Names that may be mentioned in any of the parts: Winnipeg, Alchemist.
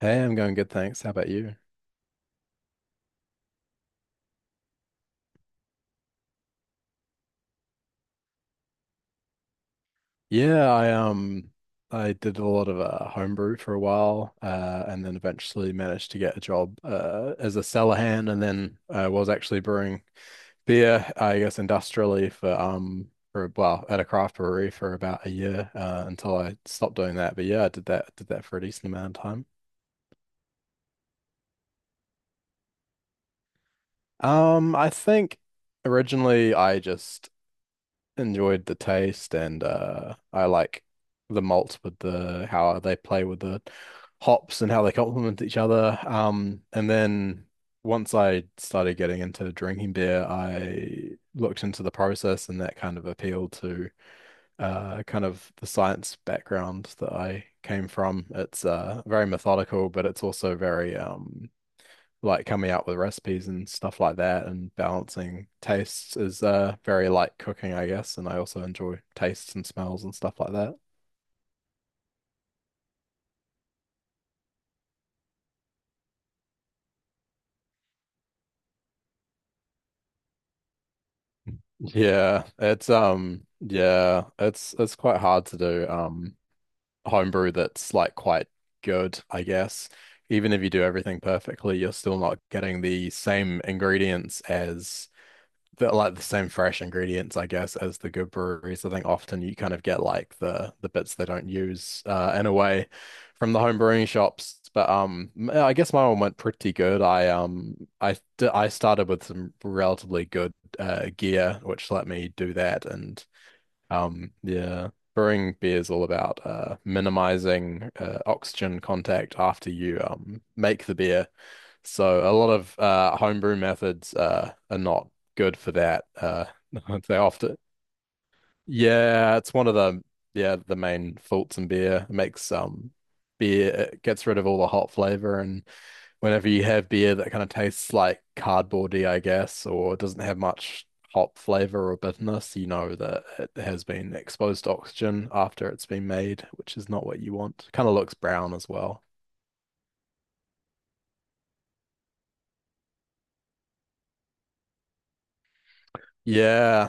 Hey, I'm going good, thanks. How about you? Yeah, I did a lot of homebrew for a while, and then eventually managed to get a job as a cellar hand, and then I was actually brewing beer, I guess industrially for at a craft brewery for about a year until I stopped doing that. But yeah, I did that for a decent amount of time. I think originally I just enjoyed the taste and I like the malts with the how they play with the hops and how they complement each other. And then once I started getting into drinking beer, I looked into the process, and that kind of appealed to kind of the science background that I came from. It's very methodical, but it's also very like coming up with recipes and stuff like that, and balancing tastes is very like cooking, I guess, and I also enjoy tastes and smells and stuff like that. Yeah, it's quite hard to do homebrew that's like quite good, I guess. Even if you do everything perfectly, you're still not getting the same ingredients as the like the same fresh ingredients, I guess, as the good breweries. I think often you kind of get like the bits they don't use, in a way from the home brewing shops. But I guess my one went pretty good. I started with some relatively good gear, which let me do that. And um, yeah, brewing beer is all about minimizing oxygen contact after you make the beer. So a lot of homebrew methods are not good for that. They often, yeah, it's one of the yeah the main faults in beer. It makes beer it gets rid of all the hot flavor, and whenever you have beer that kind of tastes like cardboardy, I guess, or doesn't have much hop flavor or bitterness, you know that it has been exposed to oxygen after it's been made, which is not what you want. Kind of looks brown as well. Yeah.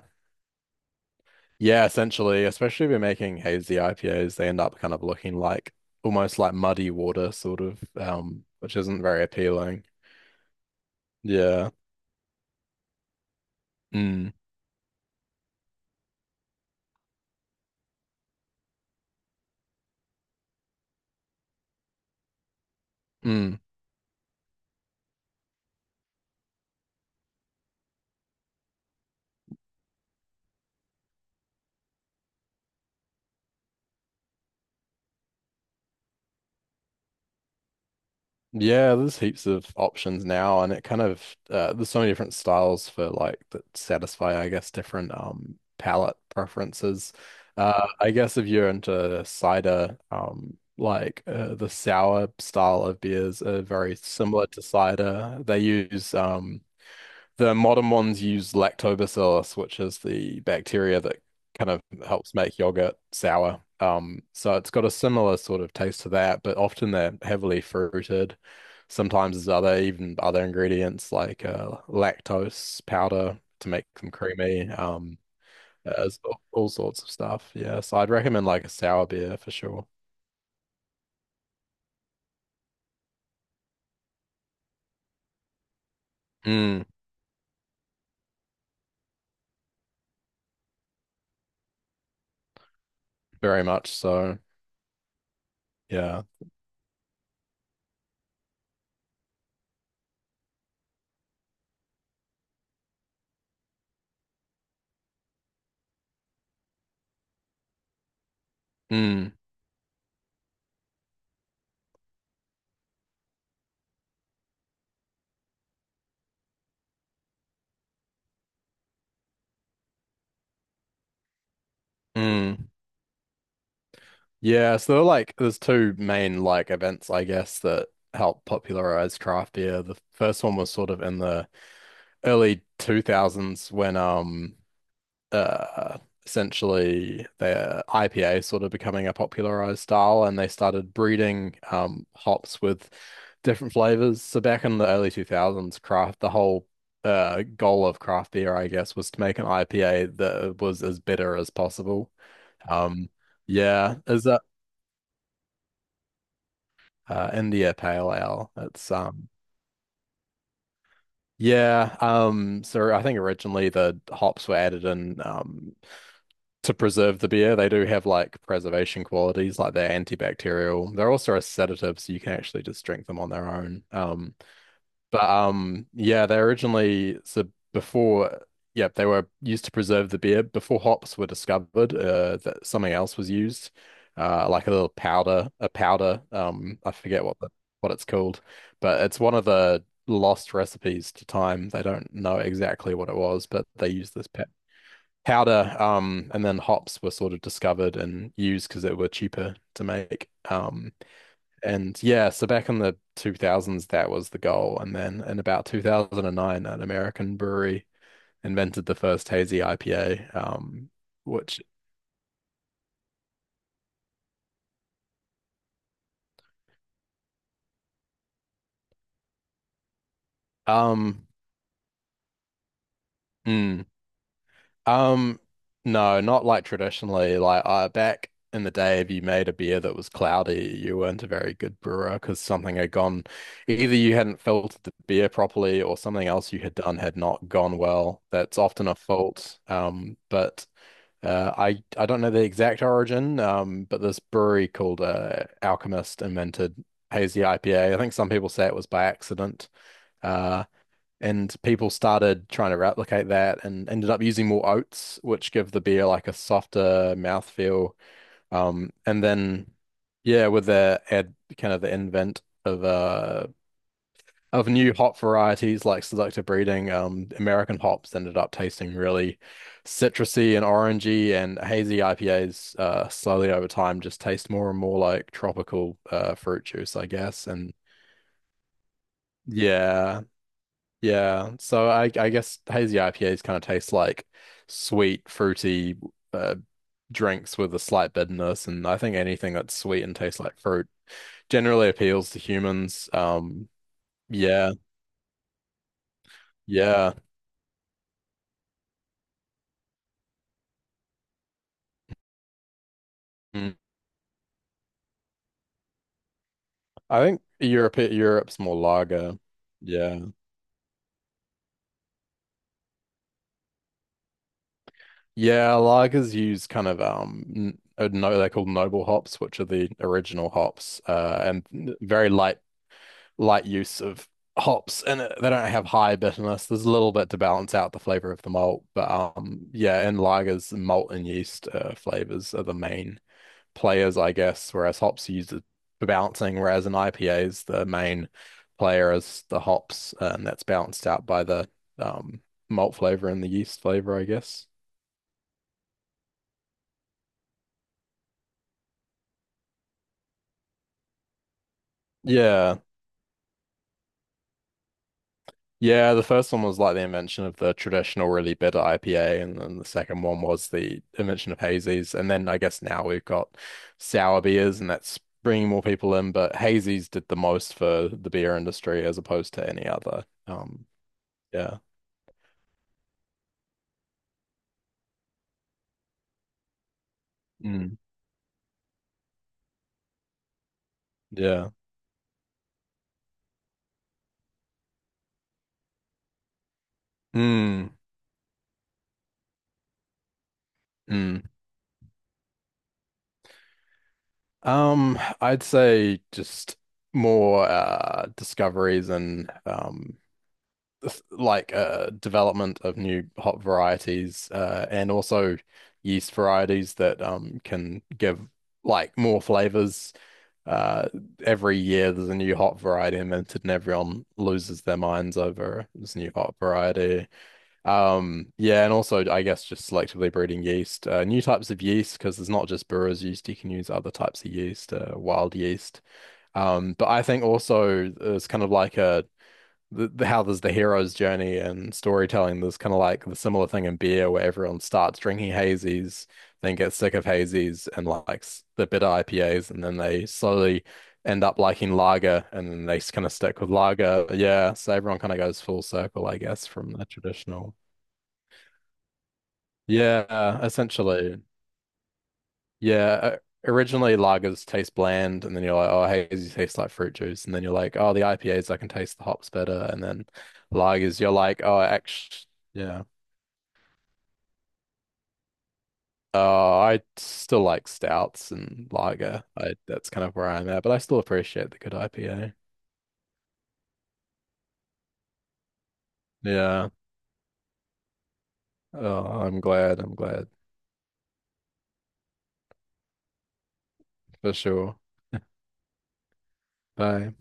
Yeah, essentially, especially if you're making hazy IPAs, they end up kind of looking like almost like muddy water, sort of, which isn't very appealing. Yeah. Mm. Mm. Yeah, there's heaps of options now, and it kind of there's so many different styles for like that satisfy, I guess, different palate preferences. I guess if you're into cider, like the sour style of beers are very similar to cider. They use the modern ones use lactobacillus, which is the bacteria that kind of helps make yogurt sour. So it's got a similar sort of taste to that, but often they're heavily fruited. Sometimes there's other, even other ingredients like lactose powder to make them creamy. There's all sorts of stuff. Yeah, so I'd recommend like a sour beer for sure. Mm, very much so. Yeah. Mm, mm. Yeah, so there are like there's two main like events, I guess, that helped popularize craft beer. The first one was sort of in the early 2000s when uh essentially the IPA sort of becoming a popularized style and they started breeding hops with different flavors. So back in the early 2000s, craft the whole goal of craft beer, I guess, was to make an IPA that was as bitter as possible. Um yeah, is that India Pale Ale. It's yeah So I think originally the hops were added in to preserve the beer. They do have like preservation qualities, like they're antibacterial. They're also a sedative, so you can actually just drink them on their own. But Yeah, they originally so before, yeah, they were used to preserve the beer. Before hops were discovered, that something else was used, like a powder. I forget what the, what it's called, but it's one of the lost recipes to time. They don't know exactly what it was, but they used this powder. And then hops were sort of discovered and used because they were cheaper to make. And yeah, so back in the 2000s, that was the goal. And then in about 2009, an American brewery invented the first hazy IPA, which, um, mm, um, no, not like traditionally. Like, back in the day, if you made a beer that was cloudy, you weren't a very good brewer because something had gone, either you hadn't filtered the beer properly or something else you had done had not gone well. That's often a fault. But I don't know the exact origin, but this brewery called Alchemist invented hazy IPA. I think some people say it was by accident, uh, and people started trying to replicate that and ended up using more oats, which give the beer like a softer mouthfeel. Um, and then, yeah, with the ad kind of the invent of new hop varieties like selective breeding, American hops ended up tasting really citrusy and orangey, and hazy IPAs slowly over time just taste more and more like tropical fruit juice, I guess. And yeah, yeah. So I guess hazy IPAs kind of taste like sweet, fruity uh, drinks with a slight bitterness, and I think anything that's sweet and tastes like fruit generally appeals to humans. Yeah, yeah. Mm. I think Europe's more lager. Yeah. Yeah, lagers use kind of no they're called noble hops, which are the original hops, and very light light use of hops and they don't have high bitterness. There's a little bit to balance out the flavor of the malt, but yeah, in lagers, malt and yeast flavors are the main players, I guess, whereas hops are used for balancing, whereas in IPAs, the main player is the hops, and that's balanced out by the um, malt flavor and the yeast flavor, I guess. Yeah. Yeah, the first one was like the invention of the traditional really bitter IPA, and then the second one was the invention of hazies. And then I guess now we've got sour beers, and that's bringing more people in. But hazies did the most for the beer industry as opposed to any other. Yeah. Mm. Yeah. Mm. Mm. I'd say just more discoveries and like development of new hop varieties and also yeast varieties that can give like more flavors. Uh every year there's a new hop variety invented and everyone loses their minds over this new hop variety. Yeah, and also I guess just selectively breeding yeast, new types of yeast, because there's not just brewer's yeast, you can use other types of yeast, wild yeast. But I think also it's kind of like a the how there's the hero's journey and storytelling. There's kind of like the similar thing in beer where everyone starts drinking hazies, then gets sick of hazies and likes the bitter IPAs, and then they slowly end up liking lager, and then they kind of stick with lager. Yeah, so everyone kind of goes full circle, I guess, from the traditional. Yeah, essentially. Yeah. o- Originally, lagers taste bland, and then you're like, oh, hazy tastes like fruit juice. And then you're like, oh, the IPAs, I can taste the hops better. And then lagers, you're like, oh, actually, yeah. Oh, I still like stouts and lager. I, that's kind of where I'm at, but I still appreciate the good IPA. Yeah. Oh, I'm glad. For sure. Bye.